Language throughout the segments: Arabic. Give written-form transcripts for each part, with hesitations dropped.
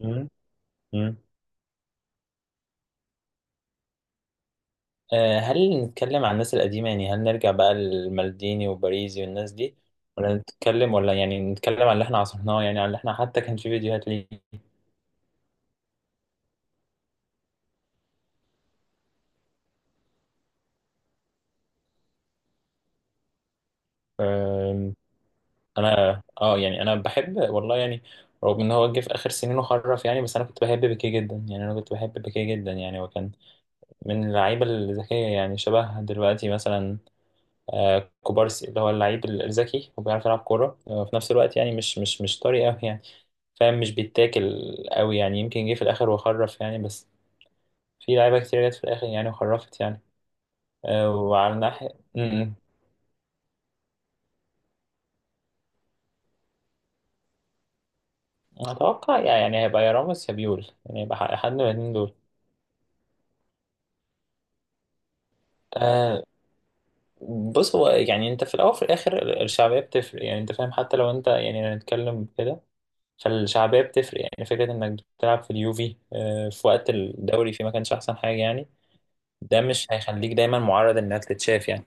مم. مم. هل نتكلم عن الناس القديمة؟ يعني، هل نرجع بقى للمالديني وباريزي والناس دي، ولا نتكلم، ولا يعني نتكلم عن اللي احنا عاصرناه، يعني عن اللي احنا حتى كان في فيديوهات ليه. آم، انا يعني انا بحب والله، يعني رغم ان هو جه في اخر سنين وخرف، يعني بس انا كنت بحب بيكيه جدا. يعني انا كنت بحب بيكيه جدا يعني هو كان من اللعيبة الذكية، يعني شبه دلوقتي مثلا كوبارسي، اللي هو اللعيب الذكي وبيعرف يلعب كورة في نفس الوقت. يعني مش طري قوي، يعني فاهم، مش بيتاكل قوي. يعني يمكن جه في الاخر وخرف يعني، بس في لعيبه كتير جت في الاخر يعني وخرفت يعني. وعلى الناحيه م- م. اتوقع يعني هيبقى يا راموس يا بيول، يعني هيبقى حد من الاثنين دول. آه، بص، هو يعني انت في الاول وفي الاخر الشعبيه بتفرق، يعني انت فاهم، حتى لو انت يعني هنتكلم كده، فالشعبيه بتفرق. يعني فكره انك بتلعب في اليوفي في وقت الدوري فيه ما كانش احسن حاجه يعني، ده مش هيخليك دايما معرض انك تتشاف يعني.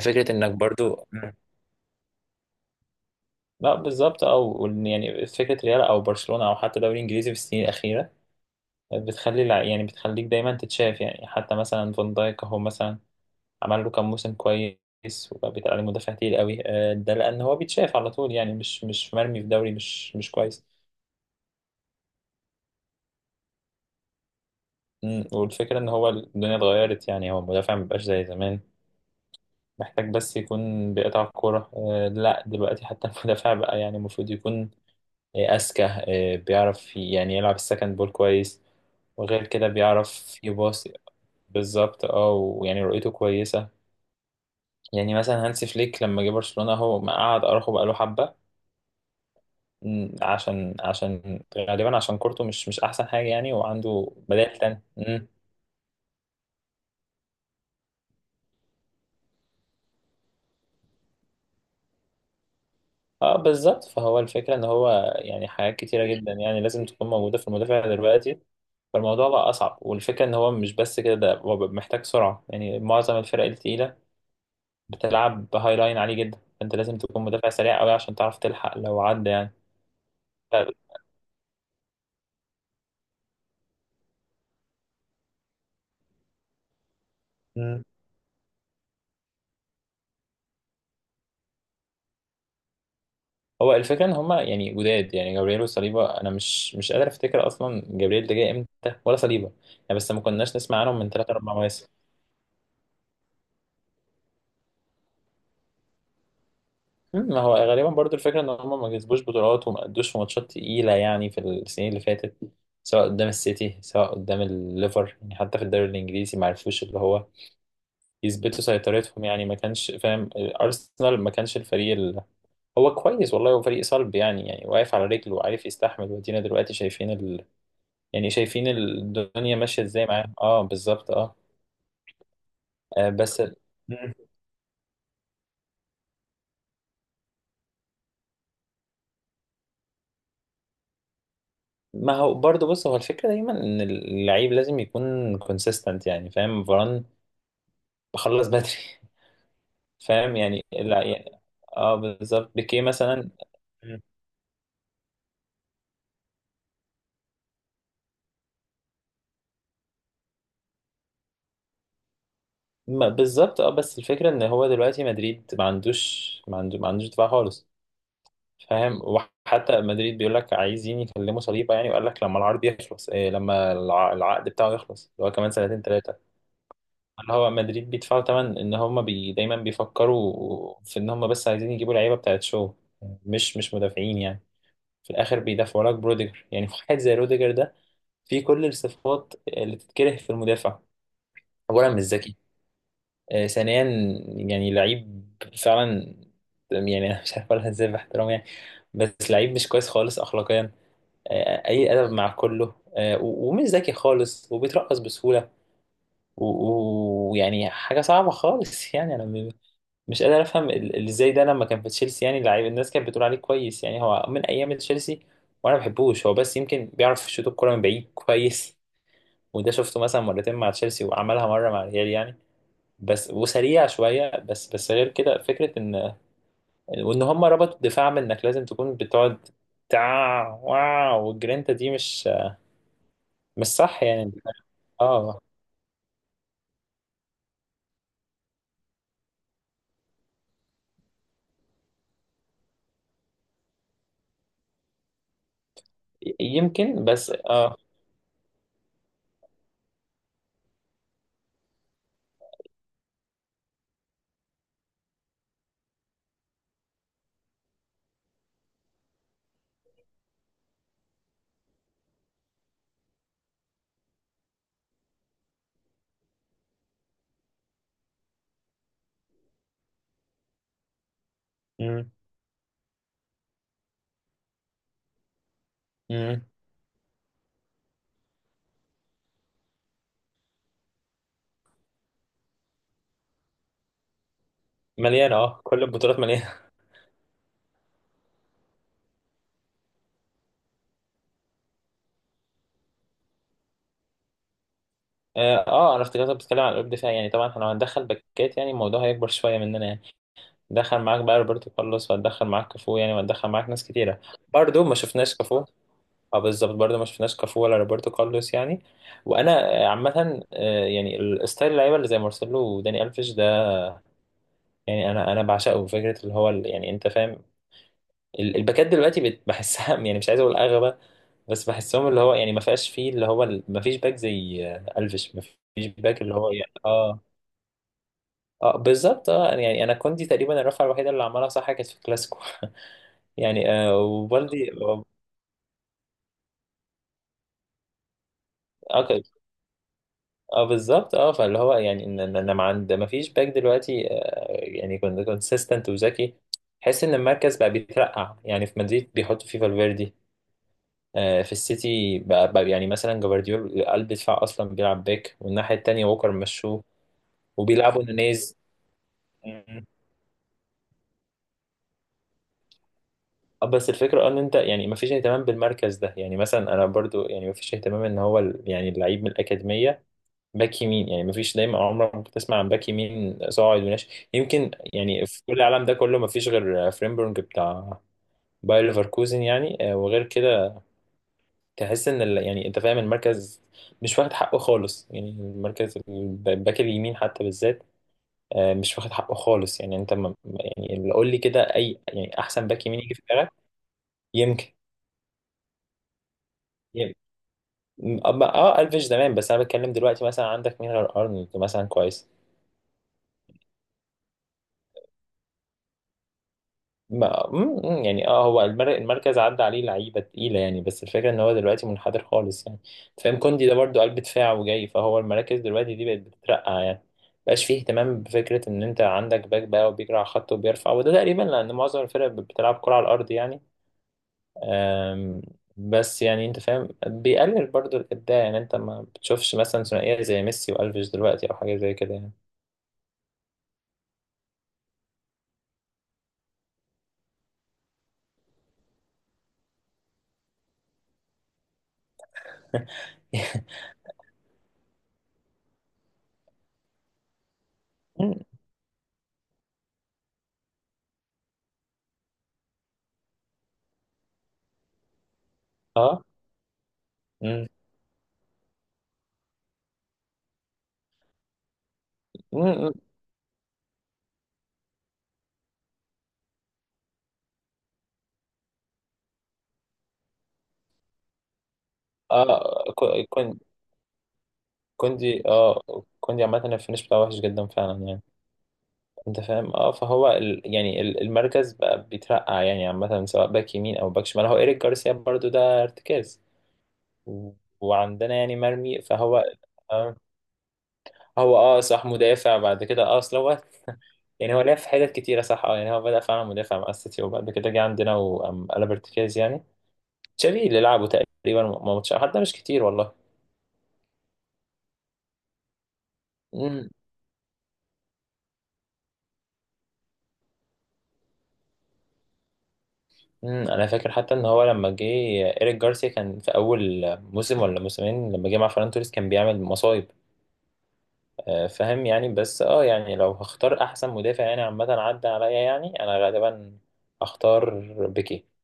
فكره انك برضو لا بالظبط، او يعني فكره ريال او برشلونه او حتى دوري انجليزي في السنين الاخيره بتخلي يعني بتخليك دايما تتشاف يعني. حتى مثلا فان دايك اهو مثلا، عمل له كام موسم كويس وبقى بيتقال عليه مدافع تقيل قوي. ده لان هو بيتشاف على طول، يعني مش مرمي في دوري مش كويس. مم، والفكره ان هو الدنيا اتغيرت. يعني هو المدافع مبقاش زي زمان، محتاج بس يكون بيقطع الكوره. لا دلوقتي حتى المدافع بقى يعني المفروض يكون أذكى، بيعرف يعني يلعب السكند بول كويس، وغير كده بيعرف يباص. بالظبط، اه، ويعني رؤيته كويسة. يعني مثلا هانسي فليك لما جه برشلونة هو ما قعد أراخو بقاله حبة. مم، عشان غالبا عشان كورته مش أحسن حاجة يعني، وعنده بدائل تانية. مم. اه بالظبط، فهو الفكرة ان هو يعني حاجات كتيرة جدا يعني لازم تكون موجودة في المدافع دلوقتي، فالموضوع بقى أصعب. والفكرة ان هو مش بس كده، ده هو محتاج سرعة. يعني معظم الفرق التقيلة بتلعب هاي لاين عالي جدا، فانت لازم تكون مدافع سريع قوي عشان تعرف تلحق لو عدى يعني. ف... مم. هو الفكره ان هما يعني جداد، يعني جابرييل وصليبا، انا مش قادر افتكر اصلا جابرييل ده جاي امتى ولا صليبا يعني. بس ما كناش نسمع عنهم من ثلاث اربع مواسم. مم، ما هو غالبا برضو الفكره ان هما ما كسبوش بطولات، وما ادوش في ماتشات تقيله يعني في السنين اللي فاتت، سواء قدام السيتي سواء قدام الليفر. يعني حتى في الدوري الانجليزي ما عرفوش اللي هو يثبتوا سيطرتهم يعني. ما كانش فاهم، ارسنال ما كانش الفريق هو كويس والله، هو فريق صلب، يعني يعني واقف على رجله وعارف يستحمل. وادينا دلوقتي شايفين يعني شايفين الدنيا ماشية ازاي معاه. اه بالظبط اه. آه، بس ال- مم. ما هو برضه، بص، هو الفكرة دايما ان اللعيب لازم يكون كونسيستنت يعني، فاهم. فران بخلص بدري فاهم يعني، لا يعني اه بالظبط، بيكيه مثلا. مم. ما بالظبط اه، بس الفكرة ان هو دلوقتي مدريد ما عندوش دفاع خالص، فاهم. وحتى مدريد بيقول لك عايزين يكلموا صليبه يعني، وقال لك لما العرض يخلص، لما العقد بتاعه يخلص، اللي هو كمان سنتين ثلاثه. اللي هو مدريد بيدفعوا ثمن ان هم دايما بيفكروا في ان هم بس عايزين يجيبوا لعيبه بتاعت شو، مش مدافعين يعني. في الاخر بيدافعوا لك بروديجر. يعني واحد زي روديجر ده فيه كل الصفات اللي تتكره في المدافع. اولا مش ذكي. ثانيا يعني لعيب فعلا، يعني انا مش عارف اقولها ازاي باحترام يعني، بس لعيب مش كويس خالص اخلاقيا. اي ادب مع كله. ومش ذكي خالص، وبيترقص بسهوله، ويعني حاجه صعبه خالص يعني مش قادر افهم ازاي ده لما كان في تشيلسي يعني لعيب الناس كانت بتقول عليه كويس. يعني هو من ايام تشيلسي وانا ما بحبوش، هو بس يمكن بيعرف يشوط الكوره من بعيد كويس. وده شفته مثلا مرتين مع تشيلسي، وعملها مره مع الريال يعني بس. وسريع شويه بس، بس غير كده فكره ان وان هم ربطوا الدفاع من انك لازم تكون بتقعد تع واو، والجرينتا دي مش صح يعني. اه يمكن بس اه. مم. مم. مليانة اه، كل البطولات مليانة. اه، انا افتكرتك بتتكلم عن قلوب دفاع يعني، طبعا احنا لو هندخل باكات يعني الموضوع هيكبر شوية مننا يعني. دخل معاك بقى روبرتو كارلوس، وهتدخل معاك كافو يعني، وهتدخل معاك ناس كتيرة. برضو ما شفناش كافو. اه بالظبط، برضو ما شفناش كافو ولا روبرتو كارلوس يعني. وانا عامة يعني الستايل اللعيبة اللي زي مارسيلو وداني الفيش ده، يعني انا بعشقه. فكرة اللي هو يعني انت فاهم، الباكات دلوقتي بحسها يعني مش عايز اقول اغبى، بس بحسهم اللي هو يعني ما فيهاش فيه اللي هو ال- ما فيش باك زي الفيش، ما فيش باك اللي هو يعني اه. اه بالظبط اه، يعني يعني انا كوندي تقريبا الرفعه الوحيده اللي عملها صح كانت في الكلاسيكو يعني آه، وبالدي اه ك- اه بالظبط اه، فاللي هو يعني ان انا ما فيش باك دلوقتي آه يعني كنت كونسيستنت وذكي. تحس ان المركز بقى بيترقع يعني، في مدريد بيحطوا فيه فالفيردي، في السيتي بقى يعني مثلا جفارديول قلب دفاع اصلا بيلعب باك، والناحيه التانيه ووكر مشوه، وبيلعبوا نونيز. مم. بس الفكره ان انت يعني مفيش اهتمام بالمركز ده. يعني مثلا انا برضو يعني مفيش اهتمام ان هو يعني اللعيب من الاكاديميه باك يمين، يعني مفيش دايما، عمرك ما بتسمع عن باك يمين صاعد وناشئ، يمكن يعني في كل العالم ده كله مفيش غير فريمبونج بتاع باير ليفركوزن يعني. وغير كده تحس ان يعني انت فاهم، المركز مش واخد حقه خالص. يعني المركز الباك اليمين حتى بالذات، مش واخد حقه خالص. يعني انت يعني اللي قول لي كده اي يعني احسن باك يمين يجي في دماغك. يمكن. يمكن اه، الفيش زمان، بس انا بتكلم دلوقتي مثلا عندك مين غير ارنولد مثلا كويس؟ ما مم، يعني اه، هو المركز عدى عليه لعيبه تقيله يعني، بس الفكره ان هو دلوقتي منحدر خالص يعني. أنت فاهم، كوندي ده برضو قلب دفاع وجاي، فهو المراكز دلوقتي دي بقت بتترقع يعني. مبقاش فيه اهتمام بفكره ان انت عندك باك بقى وبيجري على الخط وبيرفع، وده تقريبا لان معظم الفرق بتلعب كره على الارض يعني. أم، بس يعني انت فاهم، بيقلل برضو الابداع. يعني انت ما بتشوفش مثلا ثنائيه زي ميسي والفيش دلوقتي، او حاجه زي كده يعني. اه. مم. مم. مم. اه كو- كون- كوندي اه، كوندي عامة الفينش بتاعه وحش جدا فعلا يعني، انت فاهم اه. فهو يعني المركز بقى بيترقع يعني، عامة سواء باك يمين او باك شمال. هو ايريك جارسيا برضو ده ارتكاز و... وعندنا يعني مرمي، فهو آه. هو اه صح، مدافع بعد كده اه. اصل هو يعني هو لعب في حتت كتيرة صح اه، يعني هو بدأ فعلا مدافع مع السيتي، وبعد كده جه عندنا وقلب ارتكاز يعني. تشافي اللي لعبه تقريبا ماتش، حتى مش كتير والله. امم، انا فاكر حتى ان هو لما جه ايريك جارسيا كان في اول موسم ولا موسمين، لما جه مع فران توريس كان بيعمل مصايب. فاهم يعني، بس اه. يعني لو هختار احسن مدافع يعني عامه عدى عليا، يعني انا غالبا هختار بيكي